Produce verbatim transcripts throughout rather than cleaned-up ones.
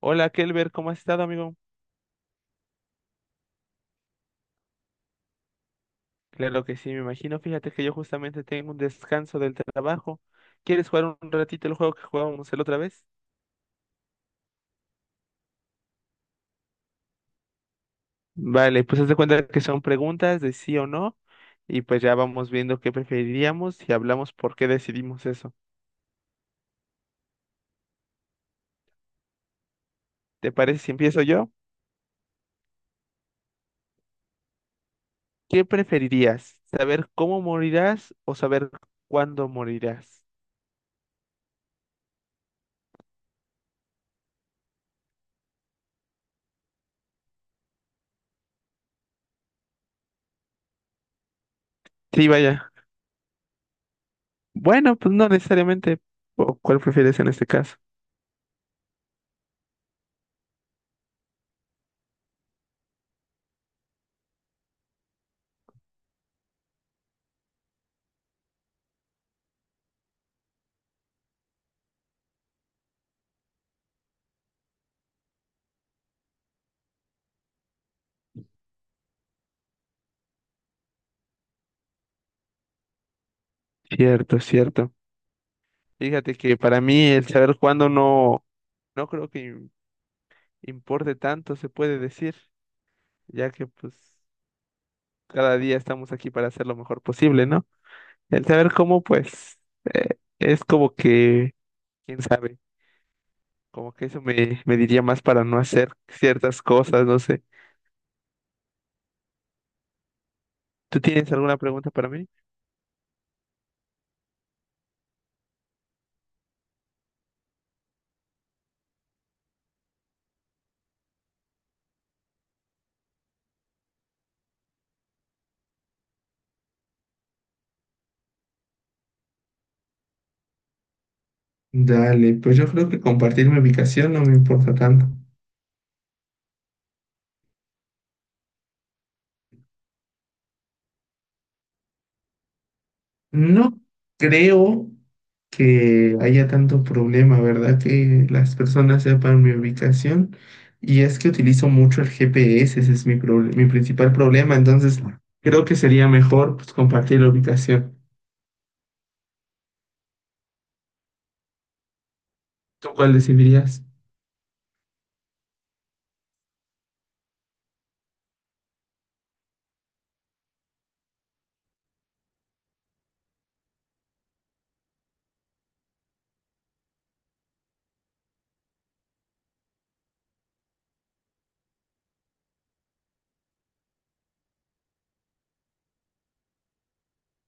Hola, Kelber, ¿cómo has estado, amigo? Claro que sí, me imagino. Fíjate que yo justamente tengo un descanso del trabajo. ¿Quieres jugar un ratito el juego que jugábamos la otra vez? Vale, pues haz de cuenta que son preguntas de sí o no, y pues ya vamos viendo qué preferiríamos y hablamos por qué decidimos eso. ¿Te parece si empiezo yo? ¿Qué preferirías? ¿Saber cómo morirás o saber cuándo morirás? Sí, vaya. Bueno, pues no necesariamente. ¿O ¿Cuál prefieres en este caso? Cierto, cierto. Fíjate que para mí el saber cuándo no, no creo que im- importe tanto, se puede decir, ya que pues cada día estamos aquí para hacer lo mejor posible, ¿no? El saber cómo, pues, eh, es como que, quién sabe, como que eso me, me diría más para no hacer ciertas cosas, no sé. ¿Tú tienes alguna pregunta para mí? Dale, pues yo creo que compartir mi ubicación no me importa tanto. No creo que haya tanto problema, ¿verdad? Que las personas sepan mi ubicación. Y es que utilizo mucho el G P S, ese es mi, proble- mi principal problema. Entonces, creo que sería mejor pues, compartir la ubicación. ¿Tú cuál decidirías?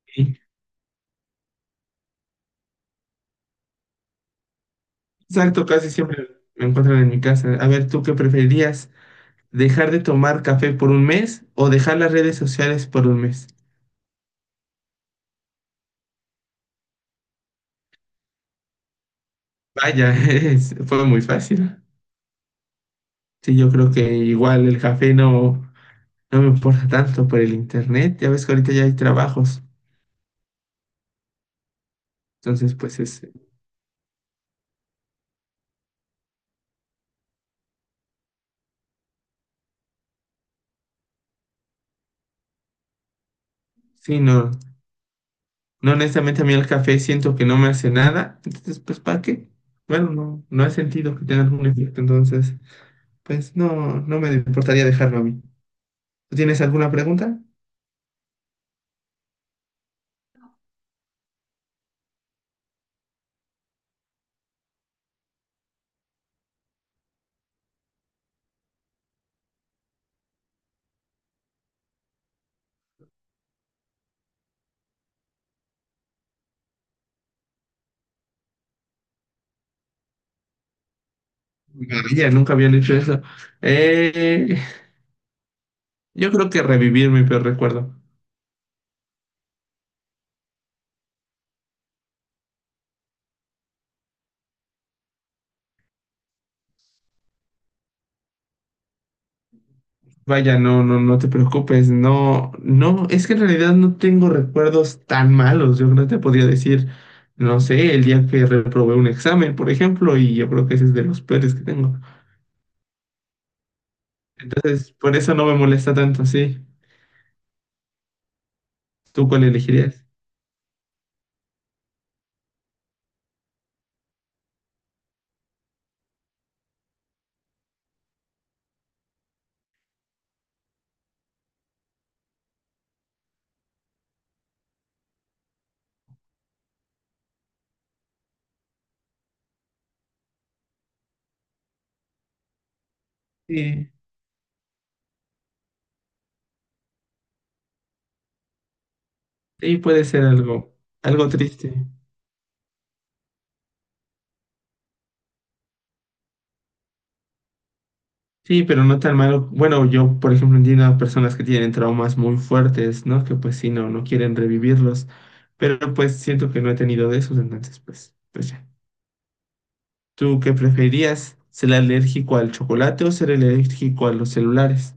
Sí. Exacto, casi siempre me encuentran en mi casa. A ver, ¿tú qué preferirías? ¿Dejar de tomar café por un mes o dejar las redes sociales por un mes? Vaya, es- fue muy fácil. Sí, yo creo que igual el café no. No me importa tanto por el internet. Ya ves que ahorita ya hay trabajos. Entonces, pues es, sí, no, no, honestamente a mí el café siento que no me hace nada. Entonces, pues, ¿para qué? Bueno, no, no he sentido que tenga algún efecto. Entonces, pues no, no me importaría dejarlo a mí. ¿Tú tienes alguna pregunta? Maravilla, nunca habían hecho eso. Eh, yo creo que revivir mi peor recuerdo. Vaya, no, no, no te preocupes, no, no, es que en realidad no tengo recuerdos tan malos. Yo no te podría decir, no sé, el día que reprobé un examen, por ejemplo, y yo creo que ese es de los peores que tengo. Entonces, por eso no me molesta tanto, sí. ¿Tú cuál elegirías? Sí, sí, puede ser algo, algo triste. Sí, pero no tan malo. Bueno, yo, por ejemplo, entiendo a personas que tienen traumas muy fuertes, ¿no? Que pues sí, no, no quieren revivirlos. Pero pues siento que no he tenido de esos, entonces pues, pues ya. ¿Tú qué preferirías? ¿Ser alérgico al chocolate o ser alérgico a los celulares?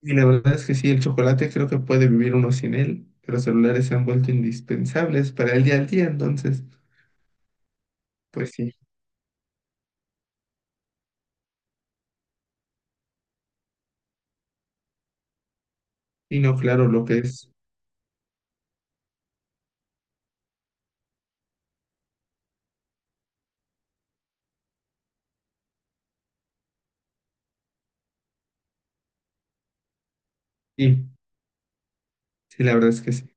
Y la verdad es que sí, el chocolate creo que puede vivir uno sin él, pero los celulares se han vuelto indispensables para el día al día, entonces, pues sí. Y no, claro, lo que es. Sí, sí, la verdad es que sí.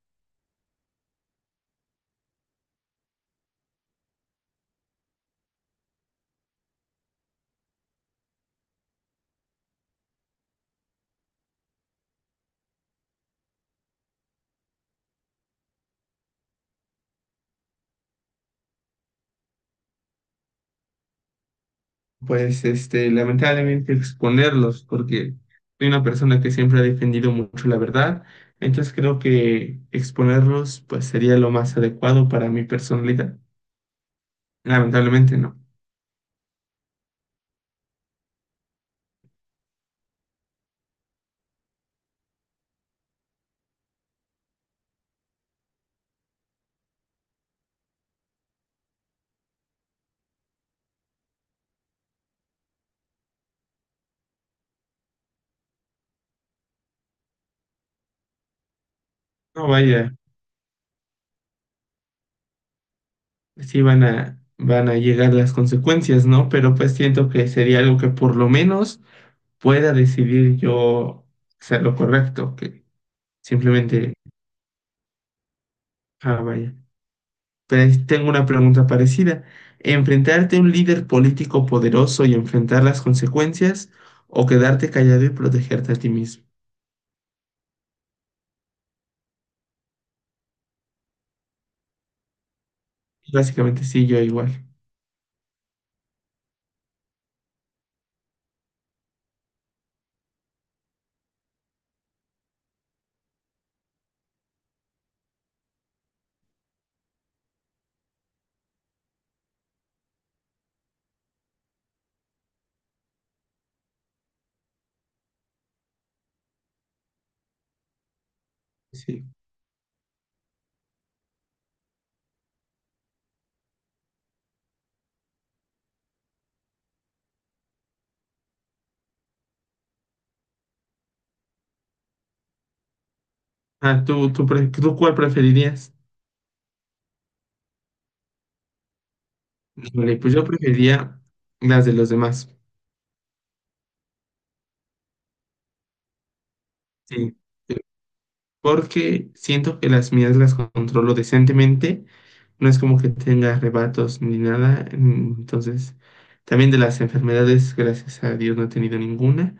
Pues, este, lamentablemente exponerlos, porque soy una persona que siempre ha defendido mucho la verdad, entonces creo que exponerlos, pues sería lo más adecuado para mi personalidad. Lamentablemente no. No vaya. Sí van a, van a llegar las consecuencias, ¿no? Pero pues siento que sería algo que por lo menos pueda decidir yo hacer lo correcto, que simplemente, ah, vaya. Pero ahí tengo una pregunta parecida. ¿Enfrentarte a un líder político poderoso y enfrentar las consecuencias o quedarte callado y protegerte a ti mismo? Básicamente sí, yo igual. Sí. Ah, ¿tú, tú, pre- ¿tú cuál preferirías? Vale, pues yo preferiría las de los demás. Sí. Porque siento que las mías las controlo decentemente, no es como que tenga arrebatos ni nada, mm, entonces también de las enfermedades, gracias a Dios no he tenido ninguna,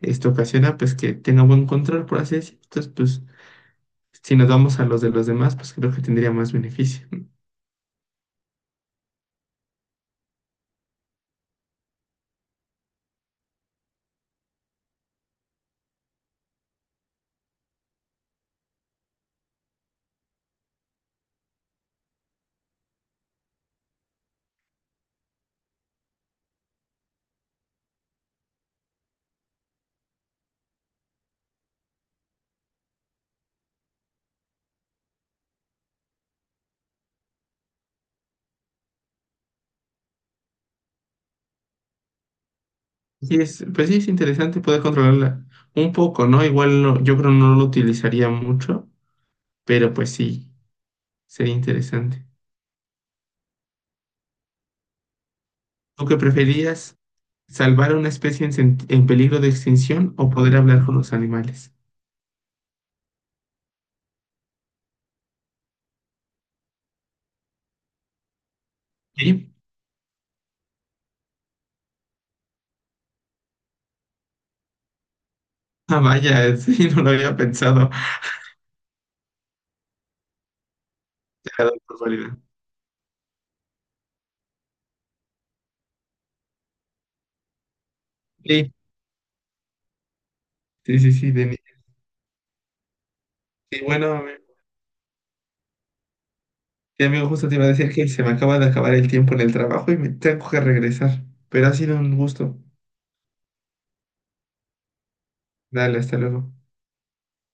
esto ocasiona pues que tenga buen control, por así decirlo, entonces pues si nos vamos a los de los demás, pues creo que tendría más beneficio. Y es, pues sí, es interesante poder controlarla un poco, ¿no? Igual no- yo creo no lo utilizaría mucho, pero pues sí, sería interesante. ¿Tú qué preferías? ¿Salvar a una especie en, sen- en peligro de extinción o poder hablar con los animales? Sí. Ah, vaya, sí, no lo había pensado. Te la doy por válida. Sí, sí, sí, sí, Denis. Y bueno, amigo, sí, amigo, justo te iba a decir que se me acaba de acabar el tiempo en el trabajo y me tengo que regresar. Pero ha sido un gusto. Dale, hasta luego.